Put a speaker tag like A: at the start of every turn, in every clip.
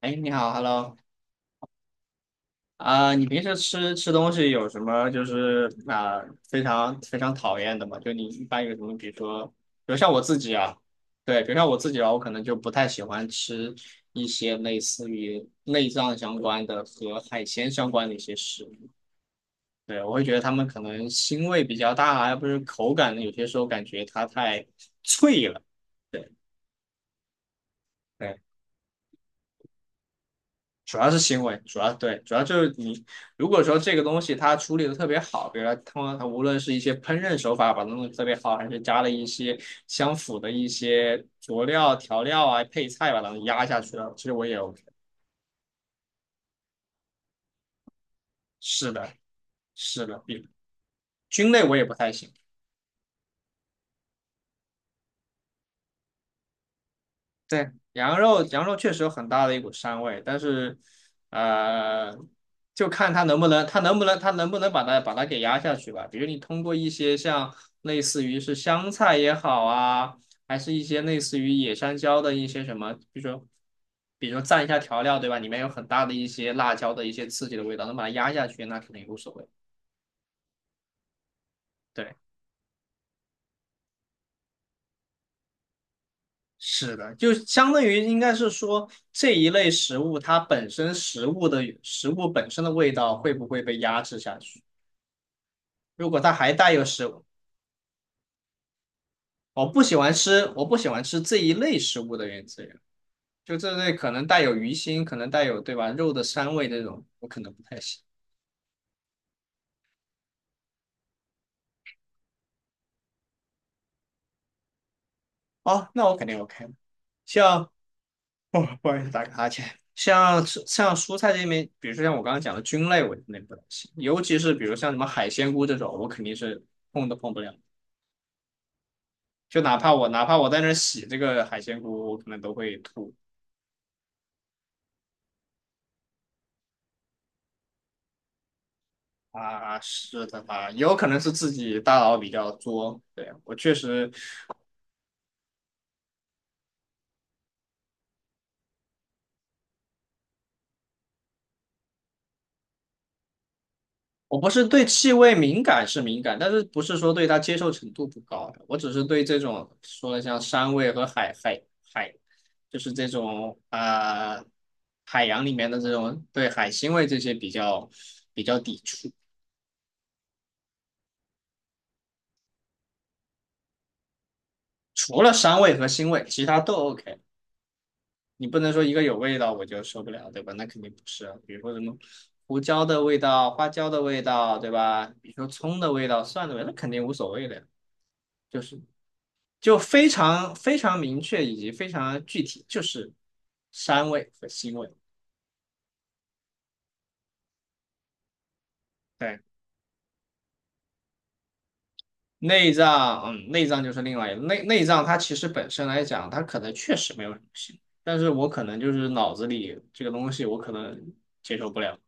A: 哎，你好，Hello，你平时吃东西有什么非常非常讨厌的吗？就你一般有什么，比如说，比如像我自己啊，对，比如像我自己啊，我可能就不太喜欢吃一些类似于内脏相关的和海鲜相关的一些食物，对，我会觉得他们可能腥味比较大啊，要不是口感呢，有些时候感觉它太脆了。对，对。主要是行为，主要对，主要就是你如果说这个东西它处理的特别好，比如说通常它无论是一些烹饪手法把它弄得特别好，还是加了一些相符的一些佐料、调料啊、配菜把它们压下去了，其实我也 OK。是的，是的，比菌类我也不太行。对，羊肉确实有很大的一股膻味，但是，呃，就看它能不能，它能不能把它给压下去吧。比如你通过一些像类似于是香菜也好啊，还是一些类似于野山椒的一些什么，比如说，比如说蘸一下调料，对吧？里面有很大的一些辣椒的一些刺激的味道，能把它压下去，那肯定无所谓。对。是的，就相当于应该是说这一类食物，它本身食物的食物本身的味道会不会被压制下去？如果它还带有食物，我不喜欢吃，我不喜欢吃这一类食物的原资源，就这类可能带有鱼腥，可能带有对吧肉的膻味这种，我可能不太行。哦，那我肯定 OK 了像哦，不好意思，打个哈欠。像蔬菜这边，比如说像我刚刚讲的菌类，我肯定不太行，尤其是比如像什么海鲜菇这种，我肯定是碰都碰不了。就哪怕我在那儿洗这个海鲜菇，我可能都会吐啊。是的吧？有可能是自己大脑比较作。对，我确实，我不是对气味敏感是敏感，但是不是说对它接受程度不高，我只是对这种说的像山味和海，就是这种海洋里面的这种对海腥味这些比较抵触。除了膻味和腥味，其他都 OK。你不能说一个有味道我就受不了，对吧？那肯定不是啊。比如说什么胡椒的味道、花椒的味道，对吧？比如说葱的味道、蒜的味道，那肯定无所谓的呀。就是就非常非常明确以及非常具体，就是膻味和腥味。对，内脏，嗯，内脏就是另外一个内脏，它其实本身来讲，它可能确实没有什么腥，但是我可能就是脑子里这个东西，我可能接受不了。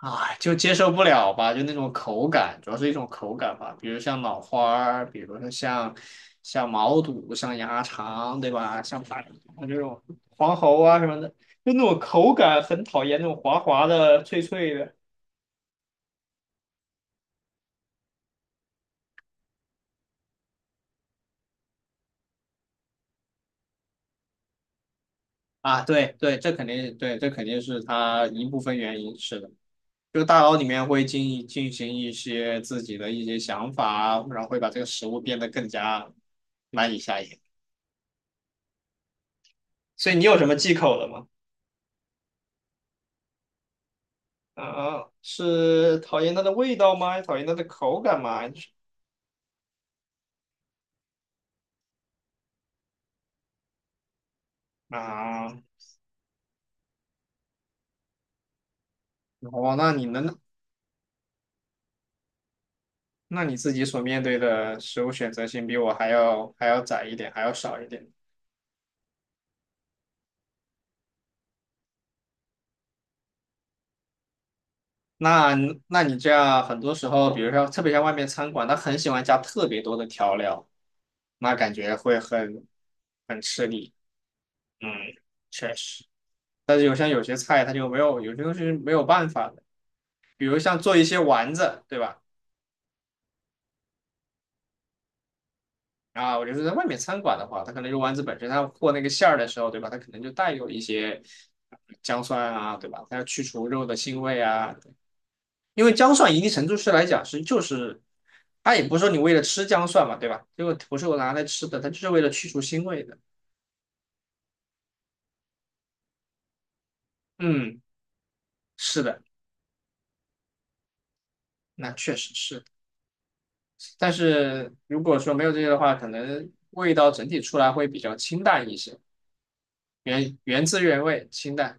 A: 啊，就接受不了吧，就那种口感，主要是一种口感吧，比如像脑花儿，比如说像毛肚、像鸭肠，对吧？像这种黄喉啊什么的，就那种口感很讨厌，那种滑滑的、脆脆的啊。对对，这肯定对，这肯定是它一部分原因，是的。就大脑里面会进行一些自己的一些想法，然后会把这个食物变得更加难以下咽。所以你有什么忌口的吗？啊，是讨厌它的味道吗？还是讨厌它的口感吗？还是啊，哦，那你能，那你自己所面对的食物选择性比我还要窄一点，还要少一点。那那你这样很多时候，比如说特别像外面餐馆，他很喜欢加特别多的调料，那感觉会很很吃力。嗯，确实。但是有像有些菜，它就没有，有些东西是没有办法的，比如像做一些丸子，对吧？啊，我就是在外面餐馆的话，它可能肉丸子本身，它和那个馅儿的时候，对吧？它可能就带有一些呃姜蒜啊，对吧？它要去除肉的腥味啊，因为姜蒜一定程度是来讲是就是，它也不是说你为了吃姜蒜嘛，对吧？这个不是我拿来吃的，它就是为了去除腥味的。嗯，是的，那确实是。但是如果说没有这些的话，可能味道整体出来会比较清淡一些，原汁原味，清淡。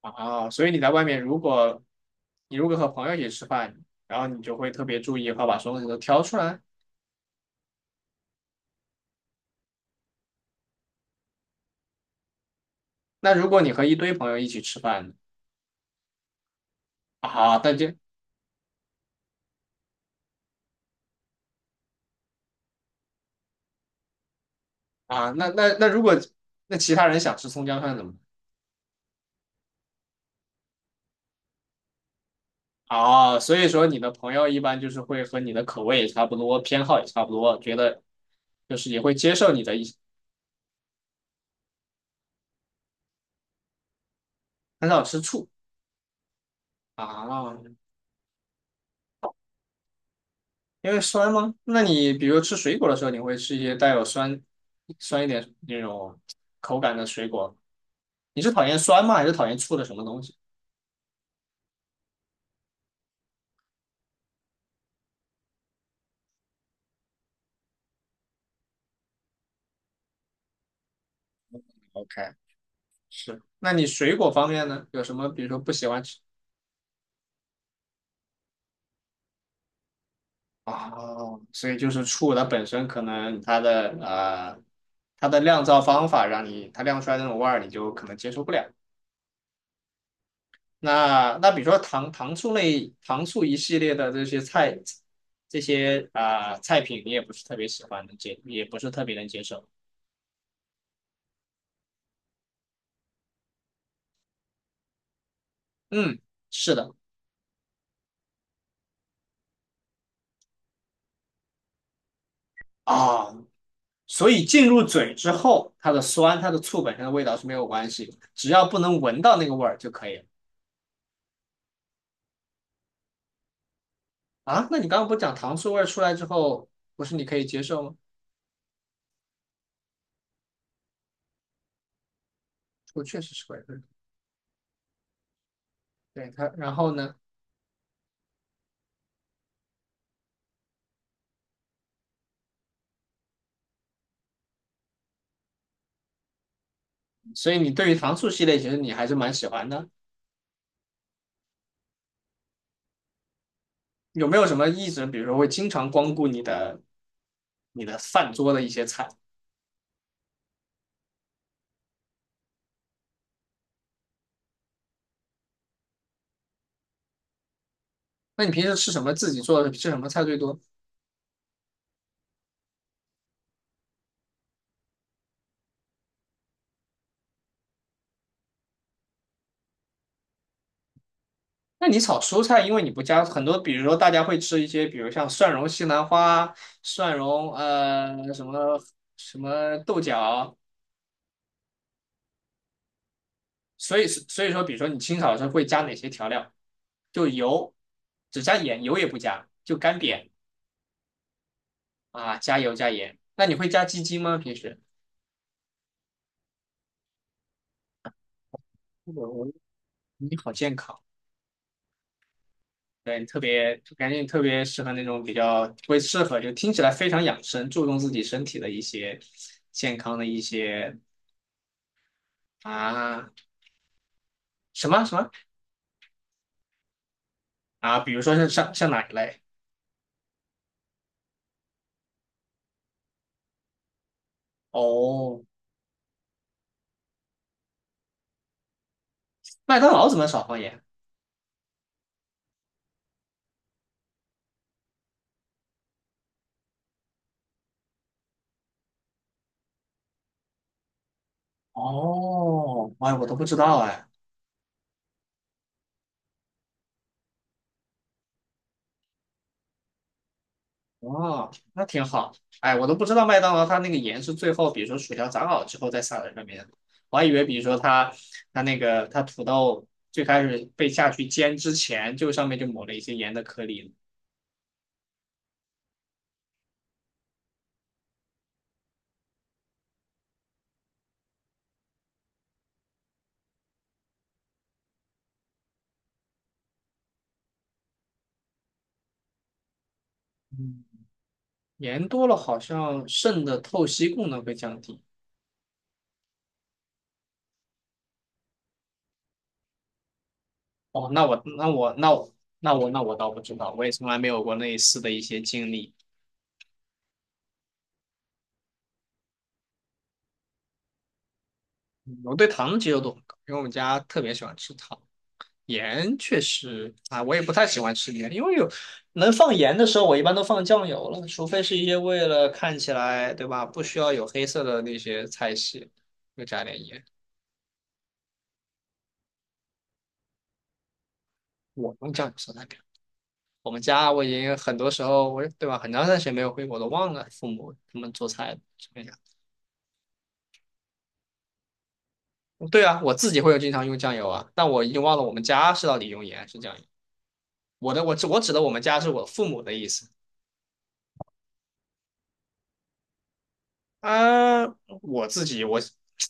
A: 啊，所以你在外面，如果你如果和朋友一起吃饭，然后你就会特别注意和把所有东西都挑出来。那如果你和一堆朋友一起吃饭，啊，那就啊，那如果那其他人想吃葱姜蒜怎么办？啊，所以说你的朋友一般就是会和你的口味也差不多，偏好也差不多，觉得就是也会接受你的一些，很少吃醋啊，因为酸吗？那你比如吃水果的时候，你会吃一些带有酸一点那种口感的水果你是讨厌酸吗？还是讨厌醋的什么东西？OK，是，那你水果方面呢？有什么比如说不喜欢吃？哦，所以就是醋它本身可能它的它的酿造方法让你它酿出来的那种味儿，你就可能接受不了。那比如说糖醋类糖醋一系列的这些菜这些菜品，你也不是特别喜欢，能接也不是特别能接受。嗯，是的。啊、所以进入嘴之后，它的酸、它的醋本身的味道是没有关系，只要不能闻到那个味儿就可以了。啊，那你刚刚不讲糖醋味儿出来之后，不是你可以接受吗？我确实是会，对它。然后呢，所以你对于糖醋系列其实你还是蛮喜欢的。有没有什么一直，比如说会经常光顾你的你的饭桌的一些菜？那你平时吃什么？自己做的吃什么菜最多？那你炒蔬菜，因为你不加很多，比如说大家会吃一些，比如像蒜蓉西兰花、蒜蓉什么豆角，所以说，比如说你清炒的时候会加哪些调料？就油，只加盐，油也不加，就干煸啊，加油加盐。那你会加鸡精吗？平时？我我你好健康，对，你特别感觉你特别适合那种比较会适合，就听起来非常养生，注重自己身体的一些健康的一些啊。什么啊？比如说像哪一类？哦，麦当劳怎么少放盐？哦，哎，我都不知道哎。哦，那挺好。哎，我都不知道麦当劳它那个盐是最后，比如说薯条炸好之后再撒在上面的我还以为，比如说它那个它土豆最开始被下去煎之前，就上面就抹了一些盐的颗粒呢嗯，盐多了好像肾的透析功能会降低。哦，那我那我那我那我倒不知道，我也从来没有过类似的一些经历。我对糖的接受度很高，因为我们家特别喜欢吃糖。盐确实啊，我也不太喜欢吃盐，因为有能放盐的时候，我一般都放酱油了，除非是一些为了看起来，对吧，不需要有黑色的那些菜系，会加点盐。我用酱油烧菜表，我们家我已经很多时候，我对吧，很长一段时间没有回国，都忘了父母他们做菜什么样。对啊，我自己会有经常用酱油啊，但我已经忘了我们家是到底用盐还是酱油。我指的我们家是我父母的意思。啊，我自己我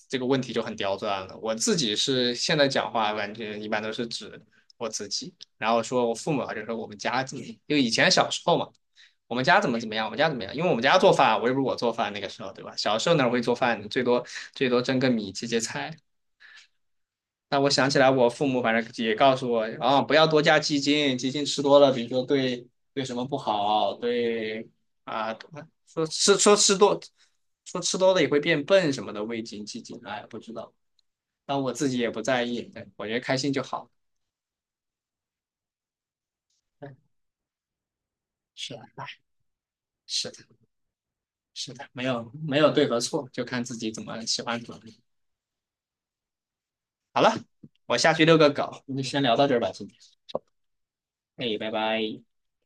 A: 这个问题就很刁钻了。我自己是现在讲话，感觉一般都是指我自己，然后说我父母啊，就说我们家怎么，就以前小时候嘛，我们家怎么怎么样，我们家怎么样，因为我们家做饭啊，我又不是我做饭那个时候，对吧？小时候哪会做饭，最多蒸个米，切切菜，那我想起来，我父母反正也告诉我，啊，不要多加鸡精，鸡精吃多了，比如说对什么不好，对啊，说吃说吃多，说吃多了也会变笨什么的，味精、鸡精，哎，不知道。但我自己也不在意，对我觉得开心就好。对，是啊，是的，是的，没有对和错，就看自己怎么喜欢怎么。好了，我下去遛个狗，我们就先聊到这儿吧，今天。哎，拜拜。